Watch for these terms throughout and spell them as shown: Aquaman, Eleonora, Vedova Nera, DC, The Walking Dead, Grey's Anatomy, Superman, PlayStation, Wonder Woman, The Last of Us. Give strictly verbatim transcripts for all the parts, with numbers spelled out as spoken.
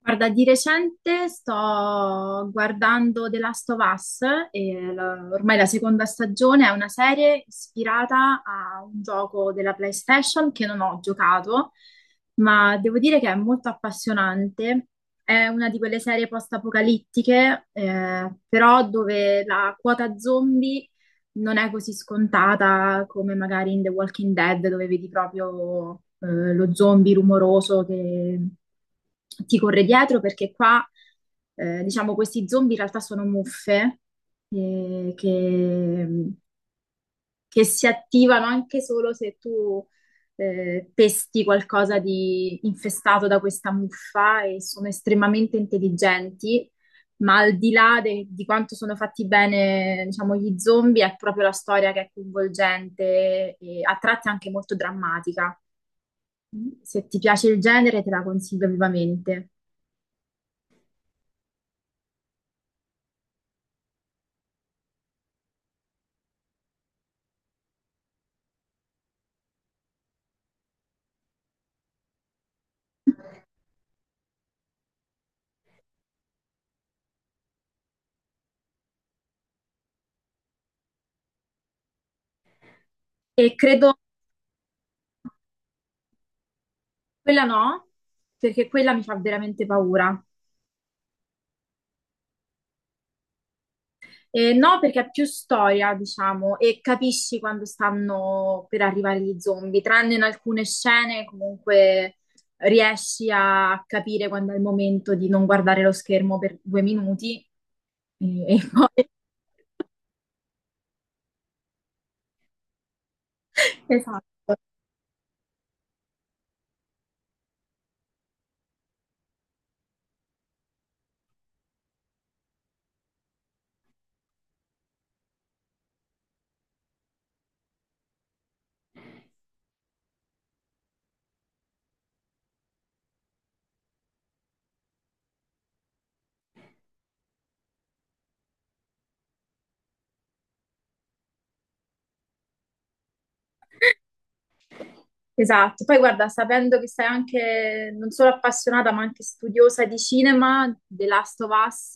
Guarda, di recente sto guardando The Last of Us, e la- ormai la seconda stagione è una serie ispirata a un gioco della PlayStation che non ho giocato, ma devo dire che è molto appassionante. È una di quelle serie post-apocalittiche, eh, però dove la quota zombie non è così scontata come magari in The Walking Dead, dove vedi proprio eh, lo zombie rumoroso che ti corre dietro, perché qua, eh, diciamo, questi zombie in realtà sono muffe eh, che che si attivano anche solo se tu eh, pesti qualcosa di infestato da questa muffa e sono estremamente intelligenti, ma al di là de- di quanto sono fatti bene, diciamo, gli zombie, è proprio la storia che è coinvolgente e a tratti anche molto drammatica. Se ti piace il genere, te la consiglio vivamente. E credo quella no, perché quella mi fa veramente paura. Eh, no, perché è più storia, diciamo, e capisci quando stanno per arrivare gli zombie, tranne in alcune scene comunque riesci a capire quando è il momento di non guardare lo schermo per due minuti e, e poi. Esatto. Esatto, poi guarda, sapendo che sei anche non solo appassionata ma anche studiosa di cinema, The Last of Us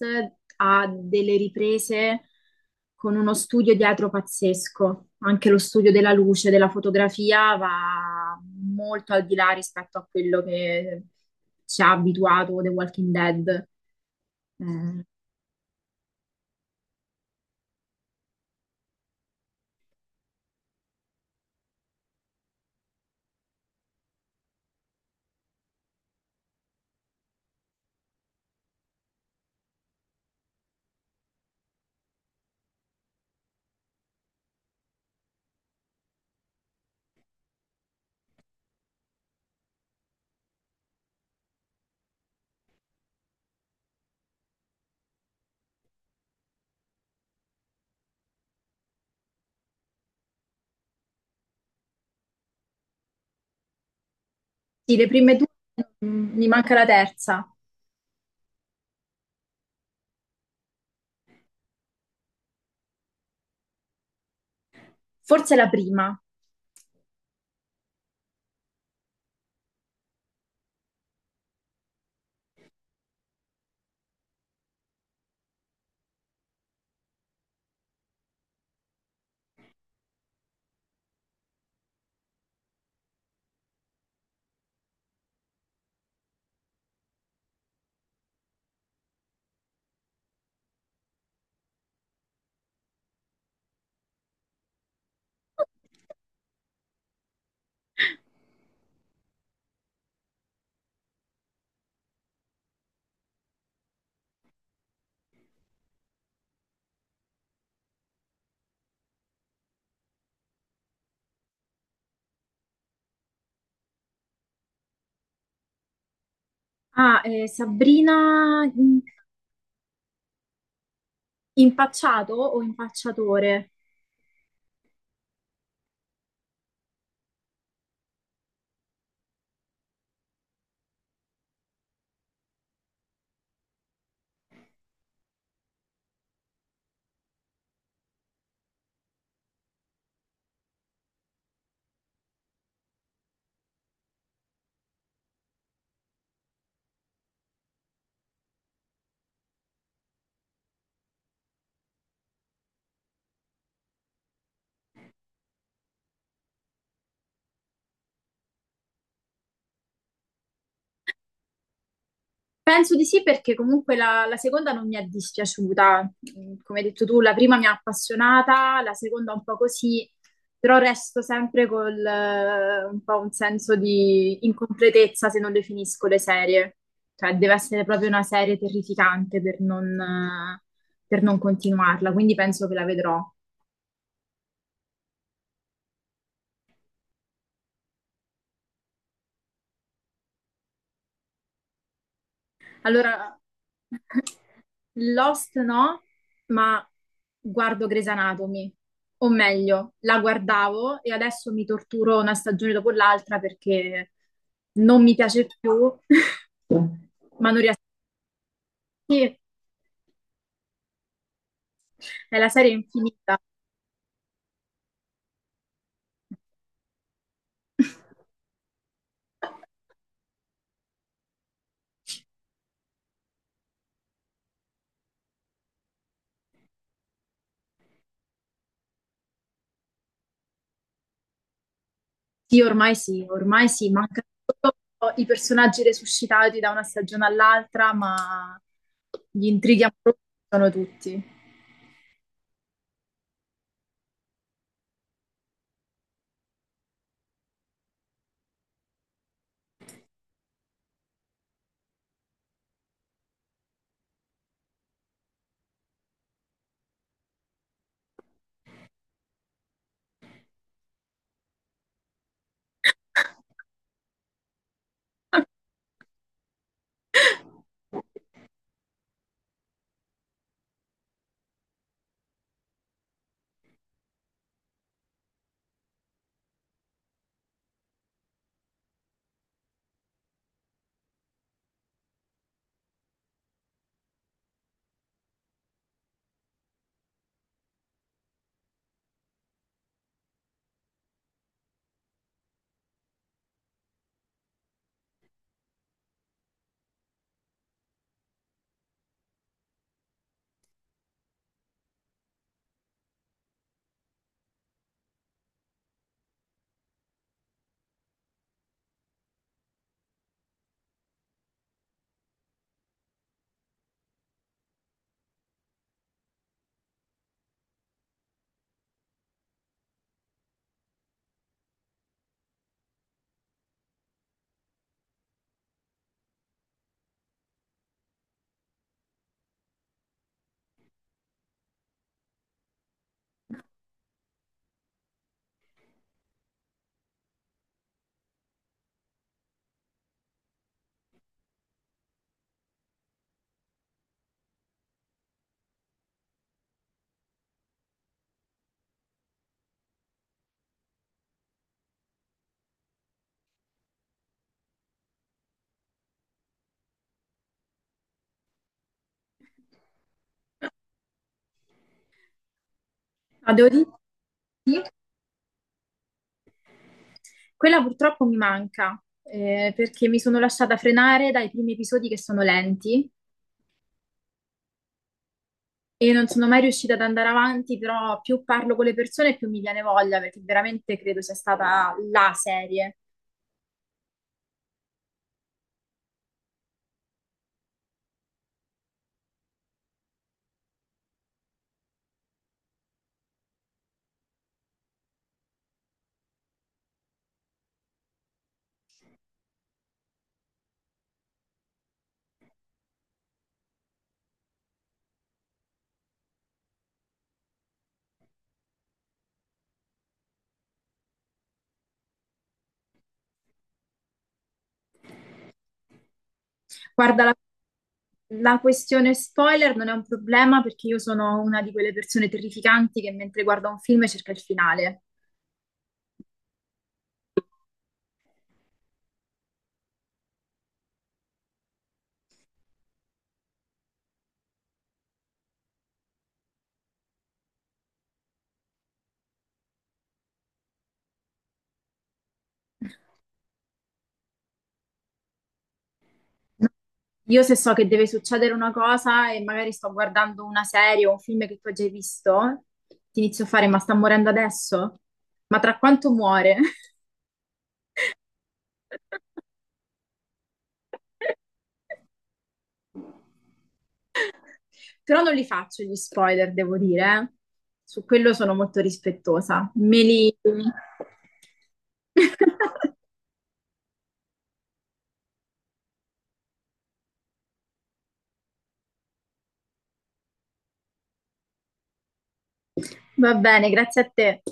ha delle riprese con uno studio dietro pazzesco, anche lo studio della luce, della fotografia va molto al di là rispetto a quello che ci ha abituato The Walking Dead. Eh, sì, le prime due, mm, mi manca la terza, forse la prima. Ah, eh, Sabrina, mm, Impacciato o impacciatore? Penso di sì perché comunque la, la seconda non mi è dispiaciuta. Mm, come hai detto tu, la prima mi ha appassionata, la seconda un po' così, però resto sempre col eh, un po' un senso di incompletezza se non definisco le serie. Cioè, deve essere proprio una serie terrificante per non, eh, per non continuarla, quindi penso che la vedrò. Allora, Lost no, ma guardo Grey's Anatomy, o meglio, la guardavo e adesso mi torturo una stagione dopo l'altra perché non mi piace più. Ma non riesco. Sì, è la serie infinita. Sì, ormai sì, ormai sì, mancano solo i personaggi resuscitati da una stagione all'altra, ma gli intrighi amorosi sono tutti. Ma devo dire, sì, quella purtroppo mi manca, eh, perché mi sono lasciata frenare dai primi episodi che sono lenti e non sono mai riuscita ad andare avanti, però più parlo con le persone più mi viene voglia, perché veramente credo sia stata la serie. Guarda, la, la questione spoiler non è un problema perché io sono una di quelle persone terrificanti che mentre guarda un film cerca il finale. Io se so che deve succedere una cosa e magari sto guardando una serie o un film che tu hai già visto, ti inizio a fare, ma sta morendo adesso? Ma tra quanto muore? Però non li faccio gli spoiler, devo dire, eh. Su quello sono molto rispettosa. Me li... Va bene, grazie a te.